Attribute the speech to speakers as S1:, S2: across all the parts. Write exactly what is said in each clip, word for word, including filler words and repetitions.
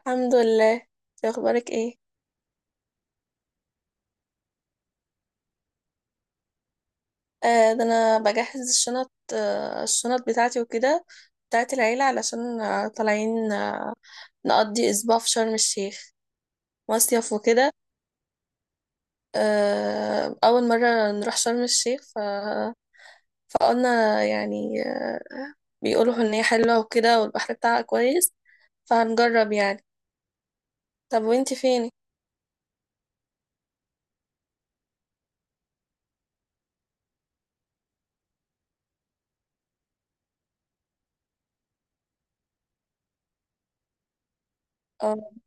S1: الحمد لله، إنتي اخبارك ايه؟ آه ده انا بجهز الشنط، آه الشنط بتاعتي وكده، بتاعت العيلة، علشان آه طالعين، آه نقضي اسبوع في شرم الشيخ، مصيف وكده. آه اول مرة نروح شرم الشيخ ف... فقلنا يعني آه بيقولوا ان هي حلوة وكده والبحر بتاعها كويس، فهنجرب يعني. طب وانتي فين؟ اه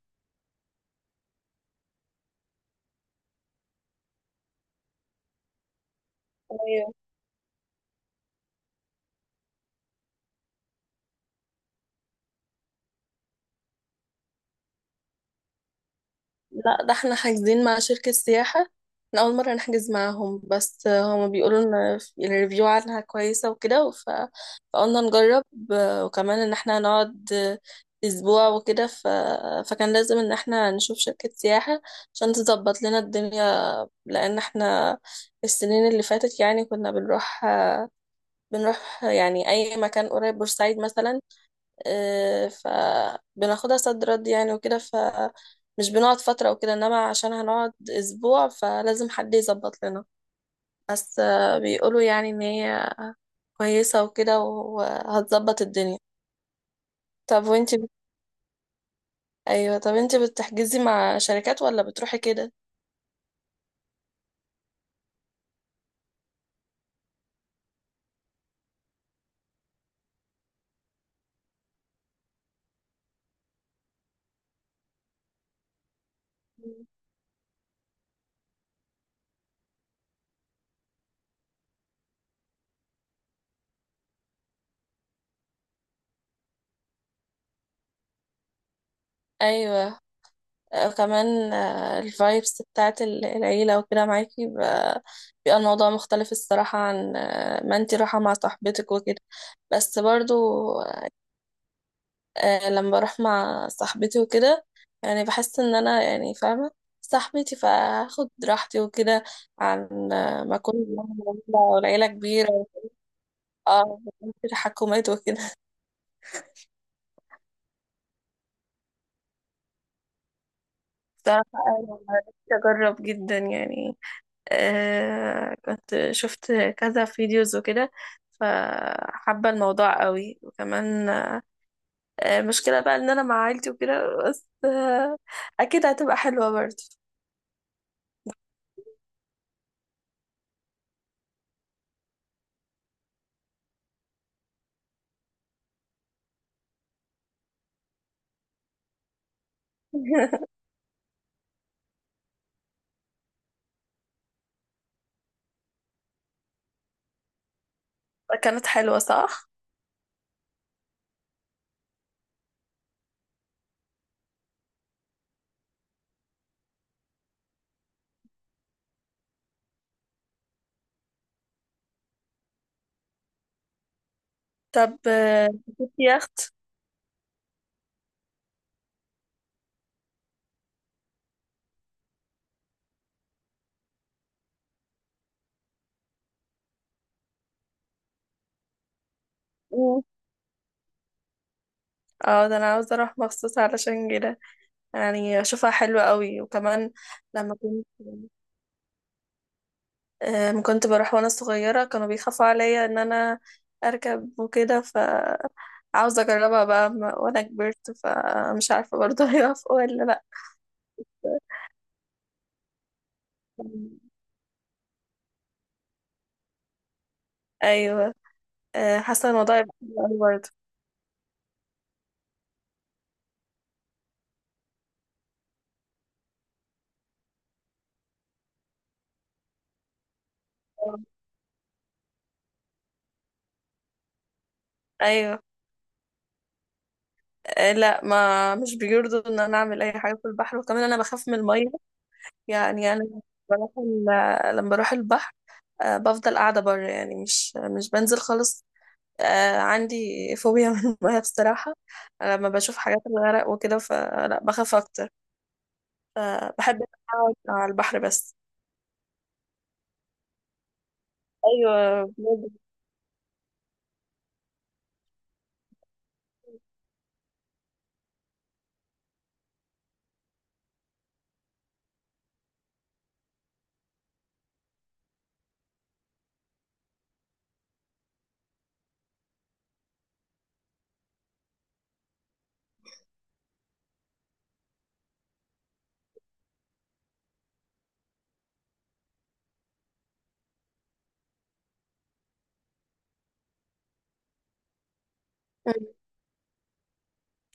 S1: لا، ده احنا حاجزين مع شركة سياحة. احنا أول مرة نحجز معاهم، بس هما بيقولوا إن الريفيو عنها كويسة وكده ف... فقلنا نجرب. وكمان إن احنا هنقعد أسبوع وكده، ف... فكان لازم إن احنا نشوف شركة سياحة عشان تظبط لنا الدنيا. لأن احنا السنين اللي فاتت يعني كنا بنروح بنروح يعني أي مكان قريب، بورسعيد مثلا. آه، فبناخدها صد رد يعني وكده، فمش بنقعد فترة وكده، انما عشان هنقعد اسبوع فلازم حد يظبط لنا. بس آه، بيقولوا يعني ان هي كويسة وكده وهتظبط الدنيا. طب وانتي بت... ايوه، طب انتي بتحجزي مع شركات ولا بتروحي كده؟ ايوه. آه، كمان الفايبس بتاعت ال- العيلة وكده معاكي بقى، بيبقى الموضوع مختلف الصراحة، عن آه، ما انتي رايحة مع صاحبتك وكده. بس برضو آه، لما بروح مع صاحبتي وكده يعني بحس ان انا يعني فاهمة صاحبتي فاخد راحتي وكده، عن آه، ما اكون والعيلة كبيرة. اه، في تحكمات وكده بصراحة أنا نفسي أجرب جدا يعني. آه كنت شفت كذا فيديوز وكده، فحابة الموضوع قوي. وكمان آه مشكلة بقى إن أنا مع عيلتي وكده، بس آه أكيد هتبقى حلوة برضه. كانت حلوة صح؟ طب آه، كنت يخت؟ مم. اه، ده انا عاوزة اروح مخصوص علشان كده. يعني اشوفها حلوة قوي. وكمان لما كنت أم، كنت بروح وانا صغيرة كانوا بيخافوا عليا ان انا اركب وكده، ف عاوزة اجربها بقى، م- وانا كبرت فمش عارفة برضه هيوافقوا ولا لا. ايوه، أه، حاسة الموضوع يبقى حلو أوي برضه. ايوه. أه، لا، ما مش بيرضوا ان انا اعمل اي حاجة في البحر. وكمان انا بخاف من المية. يعني انا بروح ال- لما بروح البحر أه، بفضل قاعدة بره، يعني مش مش بنزل خالص. آه عندي فوبيا من المية بصراحة. أنا لما بشوف حاجات الغرق وكده فلا بخاف أكتر، فبحب أقعد على البحر بس. أيوة بجد.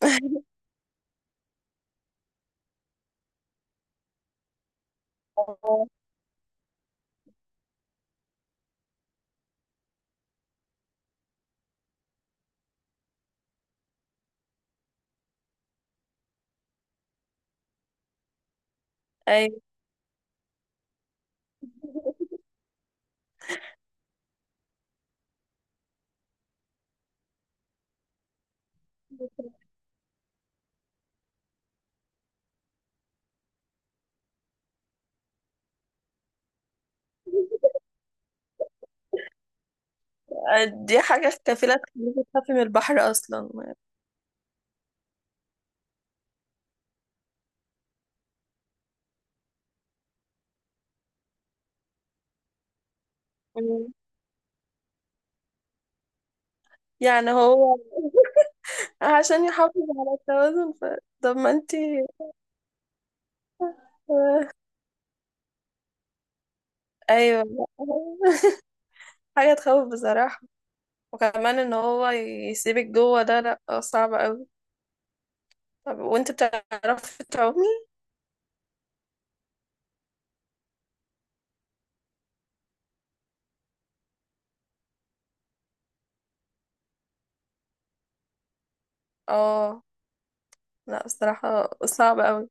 S1: آه، أيوة، دي حاجة كفيلة تخليكي تخافي من البحر أصلا. مم. يعني هو عشان يحافظ على التوازن ف... طب ما انتي. أيوة. حاجة تخوف بصراحة. وكمان إن هو يسيبك جوه ده، لأ صعب أوي. طب وانت بتعرفي تعومي؟ اه لا، بصراحة صعب قوي.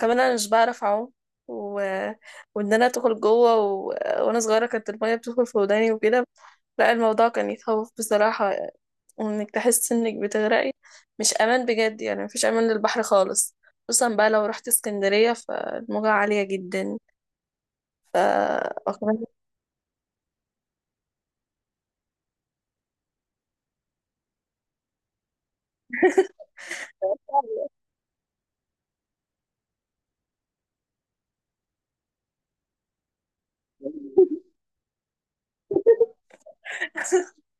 S1: كمان انا مش بعرف اعوم و... وان انا ادخل جوه و... وانا صغيرة كانت المية بتدخل في وداني وكده. لا الموضوع كان يخوف بصراحة، وانك تحس انك بتغرقي. مش امان بجد، يعني مفيش امان للبحر خالص. خصوصا بقى لو رحت اسكندرية فالموجة عالية جدا. ف وكمان-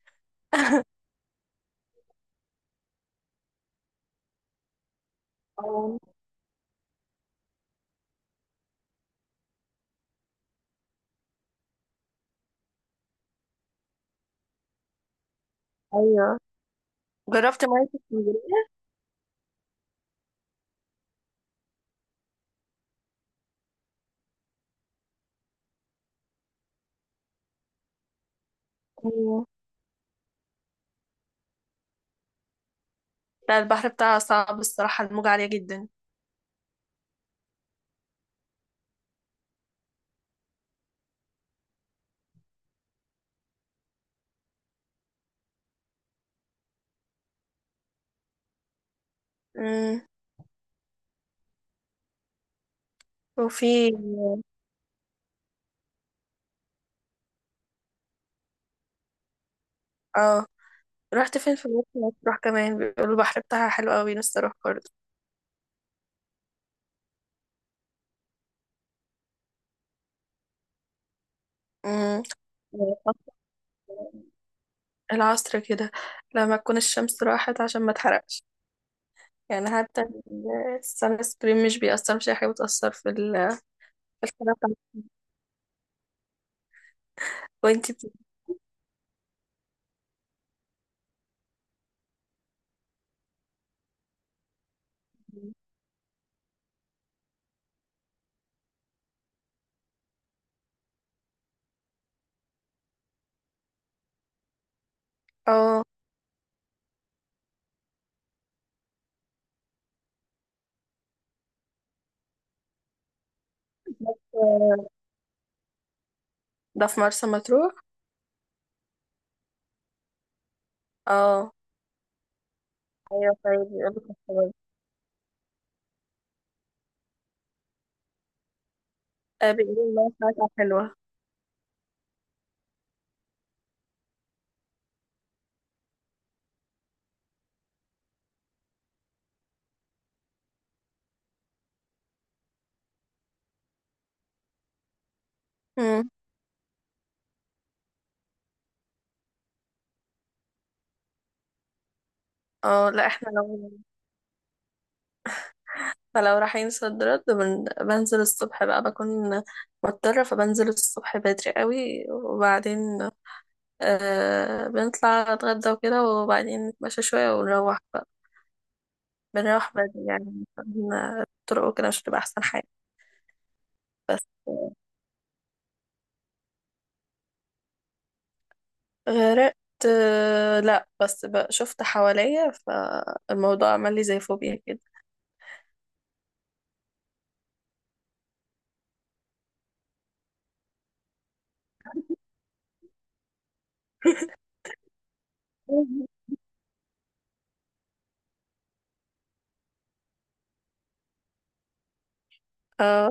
S1: ايوه، جربت مية اسكندرية؟ لا البحر بتاعها صعب الصراحة، الموجة عالية جدا. مم. وفي اه، رحت فين؟ في مرسى مطروح كمان بيقولوا البحر بتاعها حلو قوي، نفسي اروح برضه. مم. العصر كده لما تكون الشمس راحت عشان ما تحرقش. يعني حتى السان سكرين مش بيأثر، مش أي حاجة بتأثر في ال- في الحرارة بتاعتك. وانتي بت- اه، ده في مرسى مطروح؟ اه. ايوه، طيب بيقولوا كده برضه. آه، بيقولوا المياه بتاعتها حلوة. مم. اه لا، احنا لو فلو رايحين صد رد بن- بنزل الصبح بقى، بكون مضطرة، فبنزل الصبح بدري قوي. وبعدين آه بنطلع نتغدى وكده، وبعدين نتمشى شوية ونروح بقى. بنروح بدري يعني عشان الطرق وكده مش بتبقى أحسن حاجة. بس غرقت، آه لا بس بقى شفت حواليا، فالموضوع عمل لي زي فوبيا كده. اه.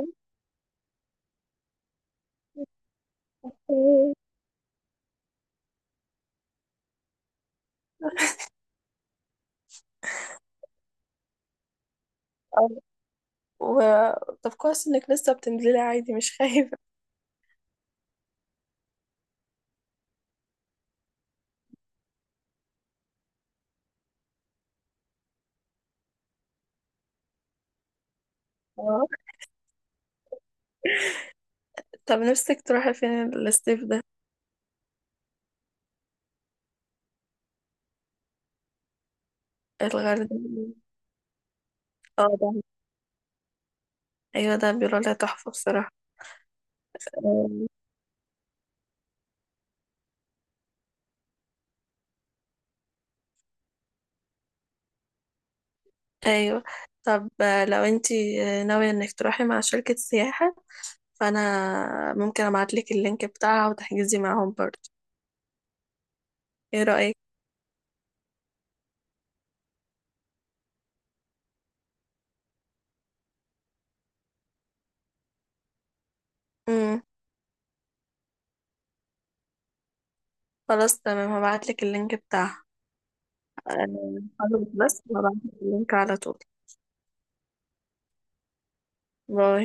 S1: آه. و... طب كويس انك لسه بتنزلي عادي مش خايفة. طب نفسك تروحي فين الصيف ده؟ الغردقة. اه ده، ايوه، ده بيقولوا لها تحفة بصراحة. آم، ايوه. طب آه، لو انتي آه، ناوية انك تروحي مع شركة سياحة، فانا ممكن ابعتلك اللينك بتاعها وتحجزي معاهم برضه، ايه رأيك؟ امم، خلاص تمام، هبعتلك اللينك بتاعها. آه، خلاص، بس هبعتلك اللينك على طول. باي.